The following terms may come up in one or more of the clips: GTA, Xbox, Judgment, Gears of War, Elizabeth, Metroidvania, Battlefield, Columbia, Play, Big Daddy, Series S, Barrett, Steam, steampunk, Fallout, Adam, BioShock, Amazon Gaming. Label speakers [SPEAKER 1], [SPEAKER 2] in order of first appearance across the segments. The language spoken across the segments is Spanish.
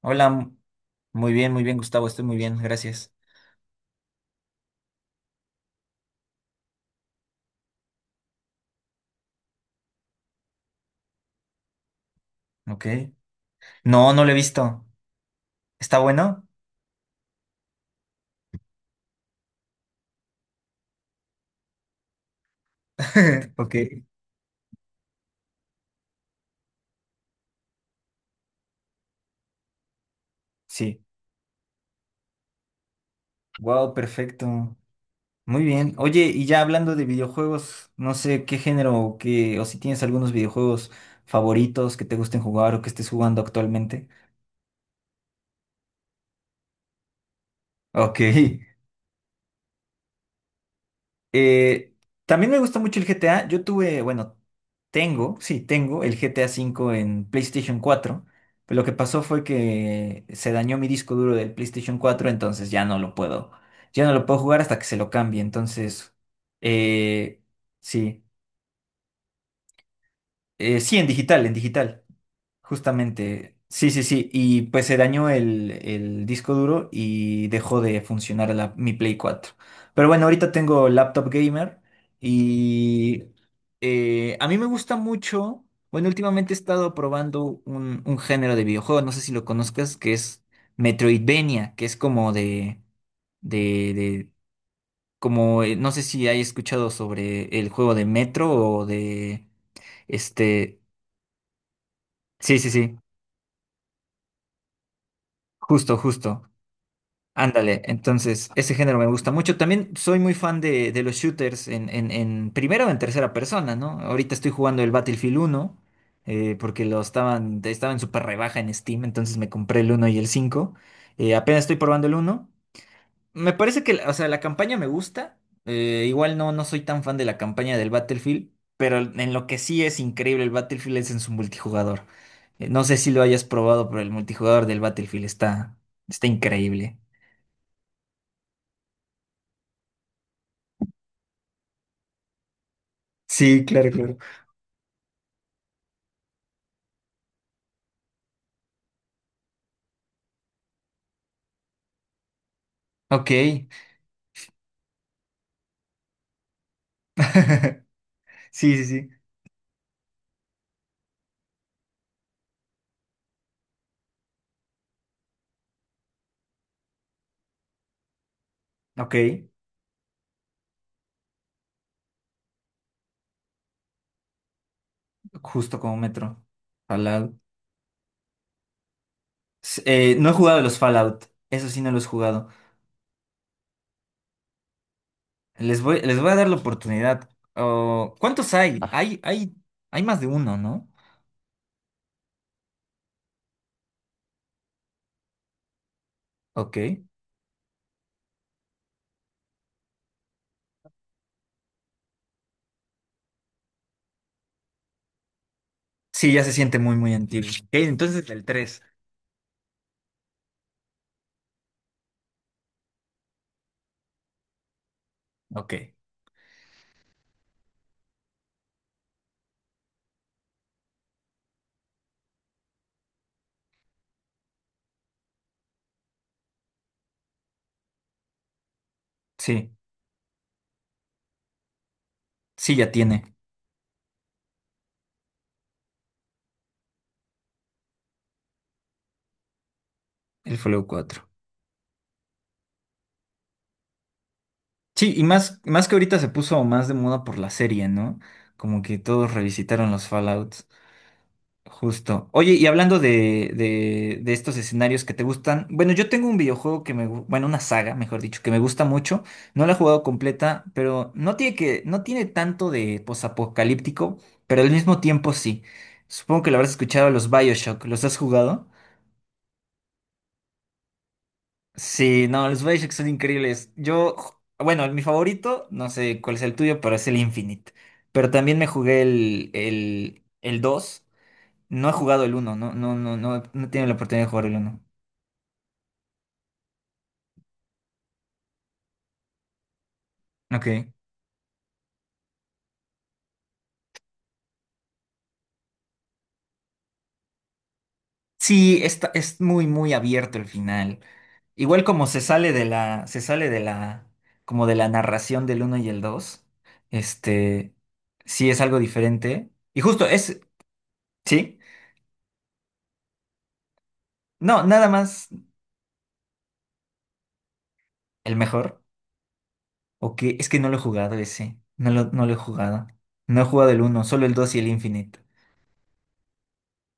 [SPEAKER 1] Hola, muy bien, Gustavo, estoy muy bien, gracias. Ok. No, no lo he visto. ¿Está bueno? Ok. Sí. Wow, perfecto. Muy bien. Oye, y ya hablando de videojuegos, no sé qué género o qué, o si tienes algunos videojuegos favoritos que te gusten jugar o que estés jugando actualmente. Ok. Eh, También me gusta mucho el GTA. Yo tuve, bueno, tengo, sí, tengo el GTA cinco en PlayStation cuatro. Pero lo que pasó fue que se dañó mi disco duro del PlayStation cuatro, entonces ya no lo puedo jugar hasta que se lo cambie. Entonces, eh, sí, sí, en digital, justamente. Sí, sí, sí. Y pues se dañó el disco duro y dejó de funcionar mi Play cuatro. Pero bueno, ahorita tengo laptop gamer. Y a mí me gusta mucho, bueno, últimamente he estado probando un género de videojuego, no sé si lo conozcas, que es Metroidvania, que es como de, de, como, no sé si hay escuchado sobre el juego de Metro o de, este, sí, sí, sí, justo, justo. Ándale, entonces ese género me gusta mucho. También soy muy fan de los shooters en, en primera o en tercera persona, ¿no? Ahorita estoy jugando el Battlefield uno, porque lo estaban, estaba en súper rebaja en Steam, entonces me compré el uno y el cinco. Apenas estoy probando el uno. Me parece que, o sea, la campaña me gusta. Igual no, no soy tan fan de la campaña del Battlefield, pero en lo que sí es increíble el Battlefield es en su multijugador. No sé si lo hayas probado, pero el multijugador del Battlefield está increíble. Sí, claro, claro. Ok. Sí, sí, sí. Ok. Justo como metro. Fallout. No he jugado los Fallout. Eso sí, no los he jugado. Les voy a dar la oportunidad. Oh, ¿cuántos hay? Ah, hay más de uno, ¿no? Ok. Sí, ya se siente muy, muy antiguo. Ok, entonces el 3. Ok. Sí. Sí, ya tiene el Fallout cuatro. Sí, y más, más que ahorita se puso más de moda por la serie, ¿no? Como que todos revisitaron los Fallouts. Justo. Oye, y hablando de estos escenarios que te gustan, bueno, yo tengo un videojuego que me, bueno, una saga, mejor dicho, que me gusta mucho. No la he jugado completa, pero no tiene tanto de posapocalíptico, pero al mismo tiempo sí. Supongo que lo habrás escuchado, los BioShock. ¿Los has jugado? Sí, no, los BioShock son increíbles. Yo, bueno, mi favorito, no sé cuál es el tuyo, pero es el Infinite. Pero también me jugué el dos. No he jugado el uno, no, no, no, no, no he tenido la oportunidad de jugar el uno. Ok. Sí, está, es muy, muy abierto el final. Igual como se sale de la, como de la narración del uno y el 2, este, sí es algo diferente. Y justo es, sí, no, nada más el mejor. O que es que no lo he jugado ese, no lo he jugado. No he jugado el uno, solo el 2 y el Infinite.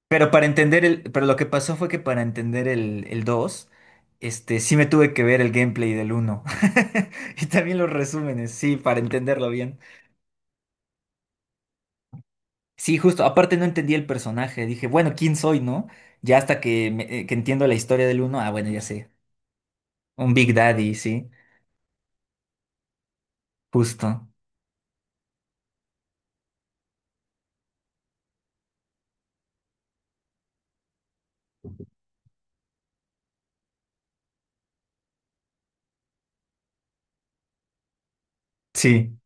[SPEAKER 1] Pero para entender el, pero lo que pasó fue que para entender el 2, este, sí me tuve que ver el gameplay del uno. Y también los resúmenes, sí, para entenderlo bien. Sí, justo, aparte no entendí el personaje, dije, bueno, ¿quién soy, no? Ya hasta que, que entiendo la historia del uno. Ah, bueno, ya sé. Un Big Daddy, sí, justo. Sí.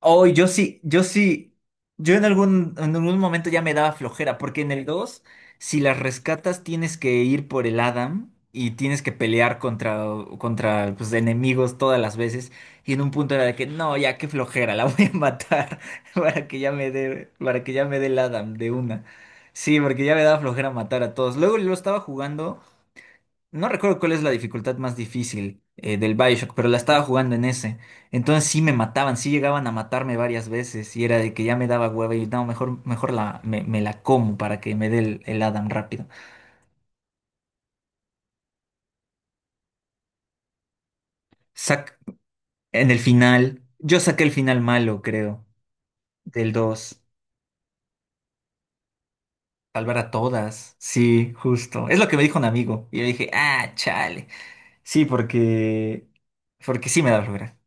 [SPEAKER 1] Oh, yo sí, yo sí, yo en algún momento ya me daba flojera, porque en el dos, si las rescatas, tienes que ir por el Adam y tienes que pelear contra pues, enemigos todas las veces. Y en un punto era de que, no, ya qué flojera, la voy a matar para que ya me dé el Adam de una. Sí, porque ya me daba flojera matar a todos. Luego lo estaba jugando. No recuerdo cuál es la dificultad más difícil del Bioshock, pero la estaba jugando en ese. Entonces sí me mataban, sí llegaban a matarme varias veces y era de que ya me daba hueva y no, mejor, mejor me la como para que me dé el Adam rápido. Sac En el final, yo saqué el final malo, creo, del dos. Salvar a todas, sí, justo. Es lo que me dijo un amigo. Y yo dije, ah, chale. Sí, porque sí me da flojera.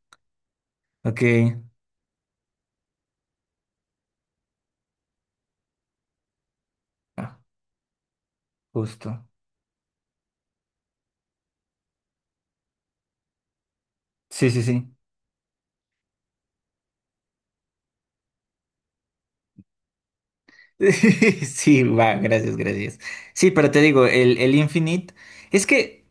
[SPEAKER 1] Ok, ah, justo. Sí, sí, sí. Sí, va, gracias, gracias. Sí, pero te digo, el Infinite, es que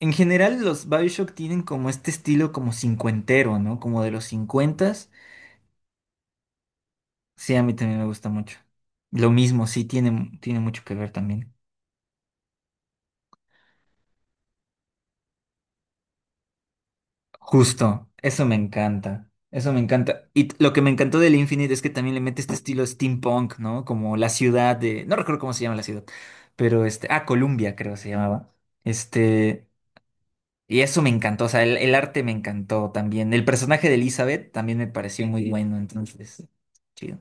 [SPEAKER 1] en general los BioShock tienen como este estilo como cincuentero, ¿no? Como de los cincuentas. Sí, a mí también me gusta mucho. Lo mismo, sí, tiene mucho que ver también. Justo, eso me encanta, eso me encanta. Y lo que me encantó del Infinite es que también le mete este estilo steampunk, ¿no? Como la ciudad de, no recuerdo cómo se llama la ciudad, pero este, ah, Columbia creo se llamaba. Este. Y eso me encantó, o sea, el arte me encantó también. El personaje de Elizabeth también me pareció muy bueno, entonces, chido.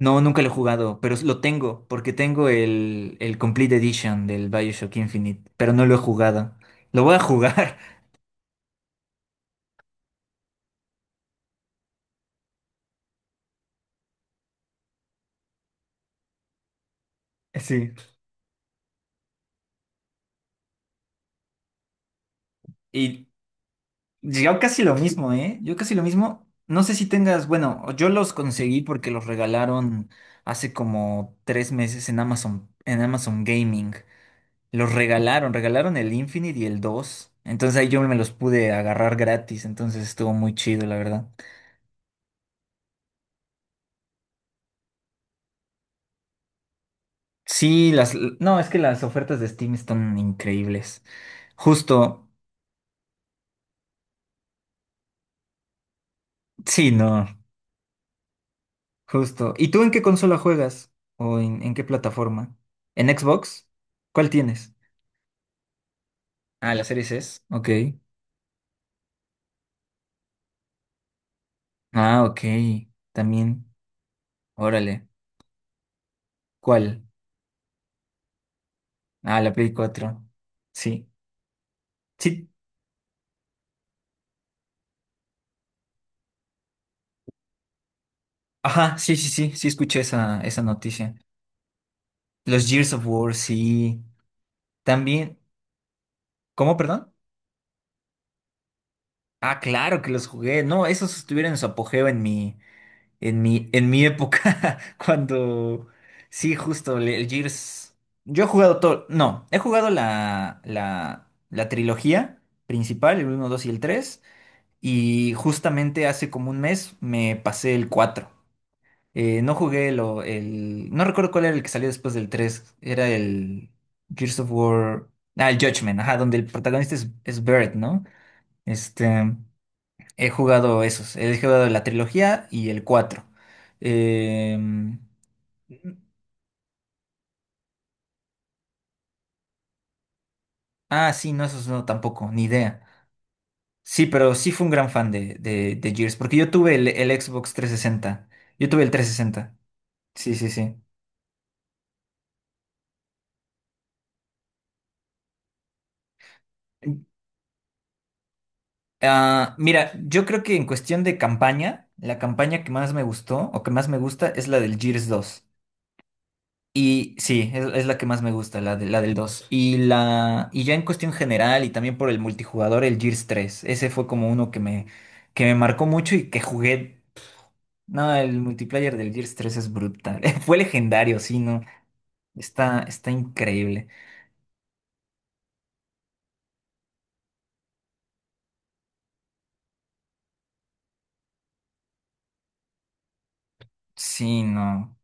[SPEAKER 1] No, nunca lo he jugado, pero lo tengo, porque tengo el Complete Edition del BioShock Infinite, pero no lo he jugado. Lo voy a jugar, sí. Y yo casi lo mismo, ¿eh? Yo casi lo mismo. No sé si tengas, bueno, yo los conseguí porque los regalaron hace como 3 meses en Amazon Gaming. Los regalaron el Infinite y el dos. Entonces ahí yo me los pude agarrar gratis, entonces estuvo muy chido, la verdad. Sí, las. No, es que las ofertas de Steam están increíbles. Justo, sí, no, justo. ¿Y tú en qué consola juegas? ¿O en, qué plataforma? ¿En Xbox? ¿Cuál tienes? Ah, la Series S. Ok. Ah, ok. También. Órale. ¿Cuál? Ah, la Play cuatro. Sí. Sí. Ajá, sí, sí, sí, sí escuché esa noticia. Los Gears of War, sí. También. ¿Cómo, perdón? Ah, claro que los jugué. No, esos estuvieron en su apogeo en mi, en mi época. Cuando. Sí, justo, el Gears. Yo he jugado todo. No, he jugado la, la trilogía principal, el uno 2 y el tres. Y justamente hace como un mes me pasé el cuatro. No jugué. No recuerdo cuál era el que salió después del tres. Era el Gears of War. Ah, el Judgment, ajá, donde el protagonista es Barrett, ¿no? Este, he jugado esos. He jugado la trilogía y el cuatro. Em, ah, sí, no, esos no, tampoco, ni idea. Sí, pero sí fue un gran fan de Gears, porque yo tuve el Xbox 360. Yo tuve el 360. Sí, sí, sí. Ah, mira, yo creo que en cuestión de campaña, la campaña que más me gustó o que más me gusta es la del Gears 2. Y sí, es la que más me gusta, la del 2. Y ya en cuestión general y también por el multijugador, el Gears 3. Ese fue como uno que me marcó mucho y que jugué. No, el multiplayer del Gears 3 es brutal. Fue legendario, sí, no. Está increíble. Sí, no.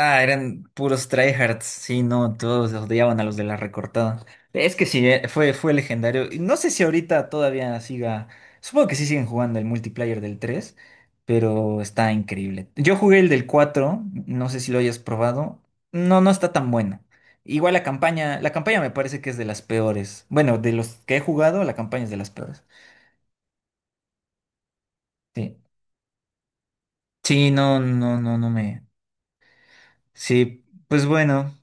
[SPEAKER 1] Ah, eran puros tryhards, sí, no, todos odiaban a los de la recortada. Es que sí, fue legendario. Y no sé si ahorita todavía siga, supongo que sí siguen jugando el multiplayer del 3, pero está increíble. Yo jugué el del 4, no sé si lo hayas probado. No, no está tan bueno. Igual la campaña me parece que es de las peores. Bueno, de los que he jugado, la campaña es de las peores. Sí. Sí, no, no, no, no me. Sí, pues bueno.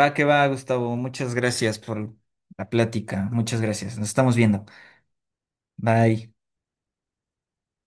[SPEAKER 1] Va que va, Gustavo. Muchas gracias por la plática. Muchas gracias. Nos estamos viendo. Bye.